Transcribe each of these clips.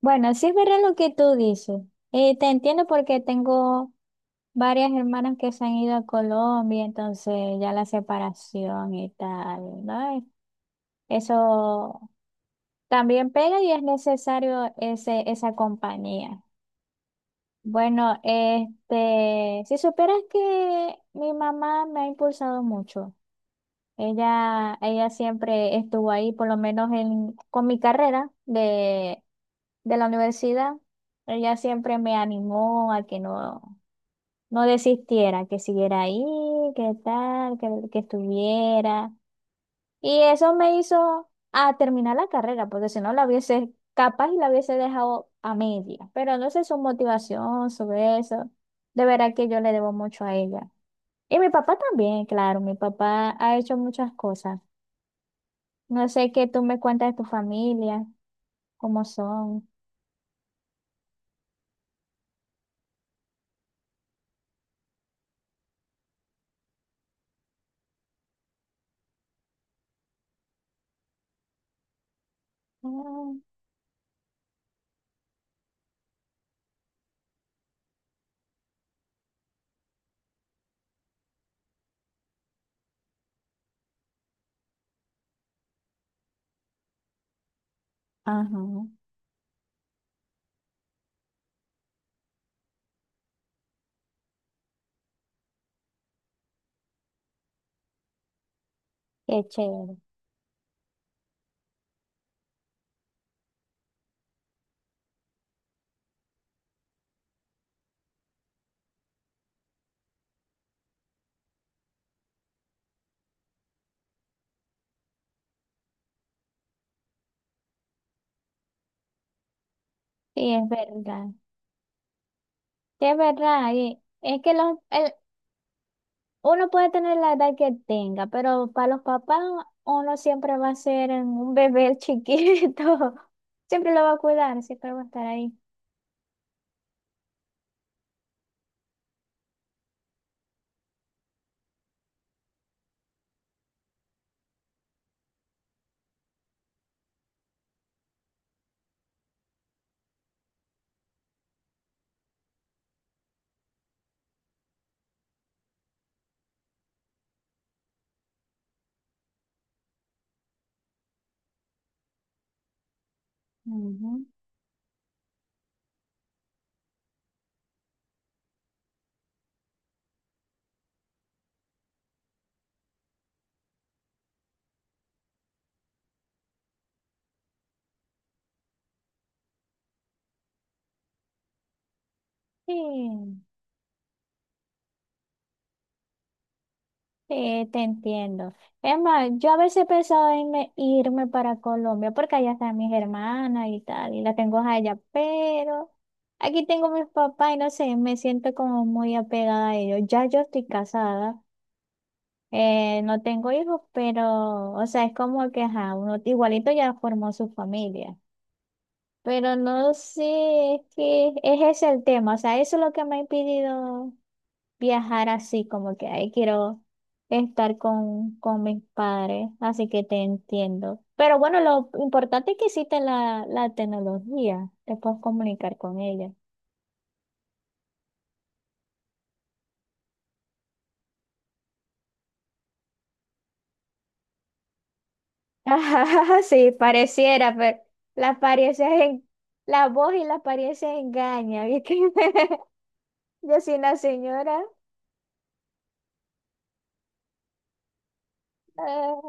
Bueno, sí es verdad lo que tú dices. Te entiendo porque tengo varias hermanas que se han ido a Colombia, entonces ya la separación y tal, ¿no? Eso también pega y es necesario esa compañía. Bueno, si supieras que mi mamá me ha impulsado mucho. Ella siempre estuvo ahí, por lo menos con mi carrera de la universidad. Ella siempre me animó a que no, no desistiera, que siguiera ahí, que tal, que estuviera. Y eso me hizo a terminar la carrera, porque si no la hubiese, capaz y la hubiese dejado a media. Pero no sé su motivación sobre eso. De verdad que yo le debo mucho a ella. Y mi papá también, claro, mi papá ha hecho muchas cosas. No sé qué tú me cuentas de tu familia, cómo son. Ah, ajá, qué chévere. Sí, es verdad. Sí, es verdad, y es que uno puede tener la edad que tenga, pero para los papás uno siempre va a ser un bebé chiquito. Siempre lo va a cuidar, siempre va a estar ahí. Ujú. Sí. Sí, te entiendo. Es más, yo a veces he pensado en irme para Colombia porque allá están mis hermanas y tal, y las tengo a ellas, pero aquí tengo mis papás y no sé, me siento como muy apegada a ellos. Ya yo estoy casada, no tengo hijos, pero, o sea, es como que, ajá, uno igualito ya formó su familia. Pero no sé, es que es ese es el tema, o sea, eso es lo que me ha impedido viajar así, como que ahí quiero estar con mis padres, así que te entiendo. Pero bueno, lo importante es que existe la tecnología, te puedes comunicar con ella. Ajá, sí, pareciera, pero la apariencia en, la voz y la apariencia engaña, ¿viste? Yo soy una señora. Ah,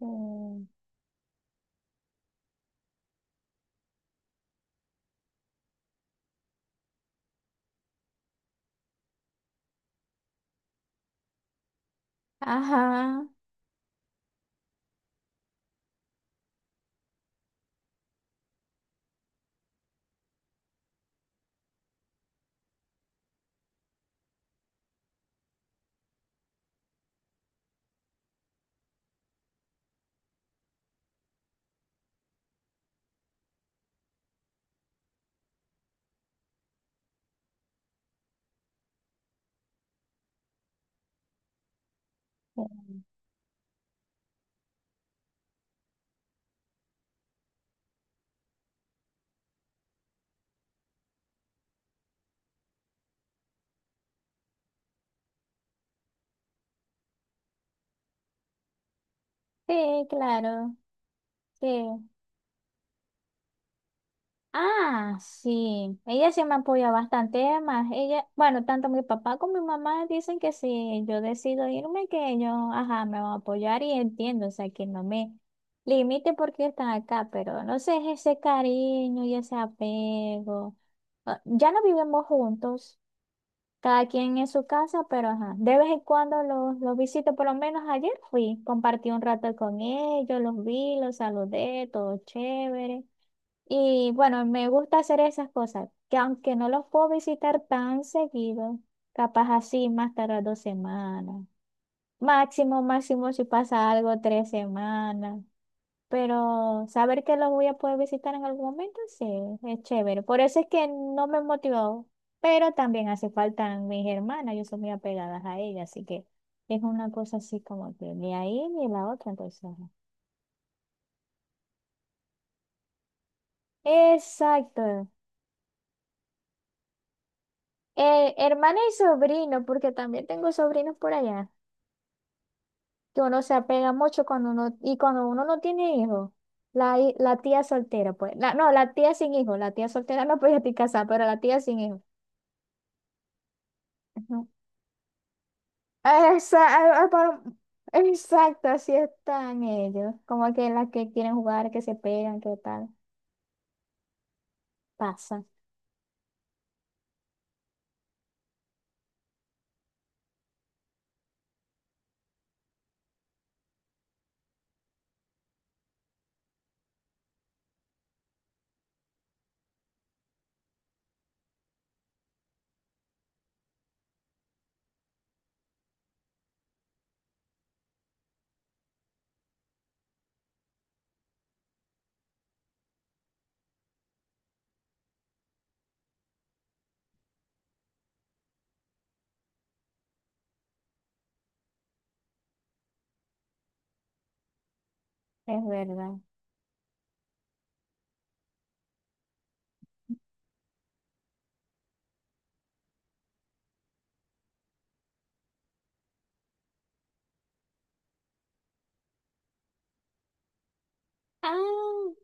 mm, ajá, sí, claro, sí. Ah, sí, ella sí me apoya bastante, además, ella, bueno, tanto mi papá como mi mamá dicen que si yo decido irme, que ellos, ajá, me van a apoyar y entiendo, o sea, que no me limite porque están acá, pero no sé, es ese cariño y ese apego. Ah, ya no vivimos juntos, cada quien en su casa, pero ajá, de vez en cuando los visito, por lo menos ayer fui, compartí un rato con ellos, los vi, los saludé, todo chévere. Y bueno, me gusta hacer esas cosas, que aunque no los puedo visitar tan seguido, capaz así más tarde dos semanas. Máximo, máximo si pasa algo, tres semanas. Pero saber que los voy a poder visitar en algún momento, sí, es chévere. Por eso es que no me motivó. Pero también hace falta mis hermanas, yo soy muy apegada a ellas, así que es una cosa así como que ni ahí ni la otra, entonces, ajá. Exacto, eh, hermana y sobrino, porque también tengo sobrinos por allá, que uno se apega mucho cuando uno, y cuando uno no tiene hijos, la tía soltera, pues, no, la tía sin hijos, la tía soltera no podía estar casada, pero la tía sin hijos. Ujú. Esa- ah, pa- exacto, así están ellos, como que las que quieren jugar, que se pegan, que tal, pasa, es verdad. Ah,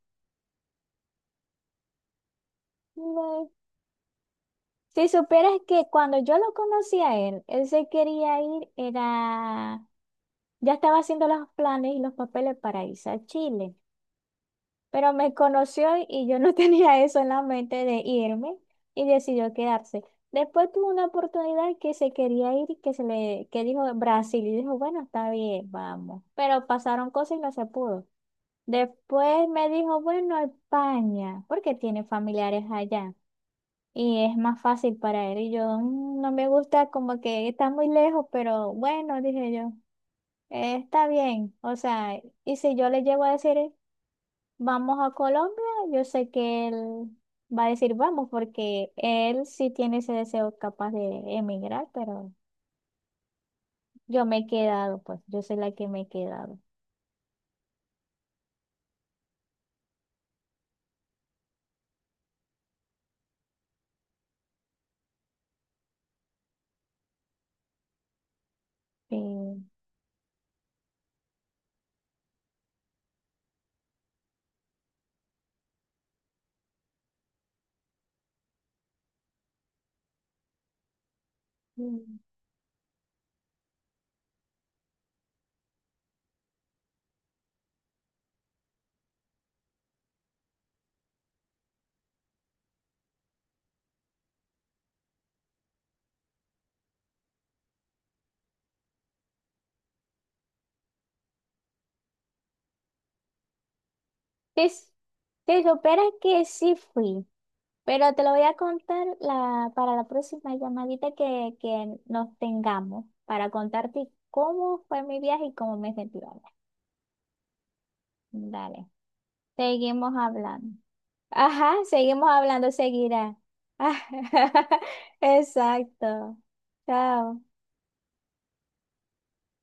no. Si supieras que cuando yo lo conocí a él, él se quería ir, era. Ya estaba haciendo los planes y los papeles para irse a Chile, pero me conoció y yo no tenía eso en la mente de irme y decidió quedarse. Después tuvo una oportunidad que se quería ir y que se le que dijo Brasil y dijo, bueno, está bien, vamos. Pero pasaron cosas y no se pudo. Después me dijo, bueno, España, porque tiene familiares allá y es más fácil para él. Y yo "Mm, no me gusta como que está muy lejos, pero bueno, dije yo. Está bien, o sea, y si yo le llego a decir vamos a Colombia, yo sé que él va a decir vamos, porque él sí tiene ese deseo capaz de emigrar, pero yo me he quedado, pues yo soy la que me he quedado. Sí, mm. sí, s- sí, supieras que sí fui, pero te lo voy a contar para la próxima llamadita que nos tengamos, para contarte cómo fue mi viaje y cómo me sentí ahora. Dale, seguimos hablando. Ajá, seguimos hablando, seguirá. Exacto. Chao.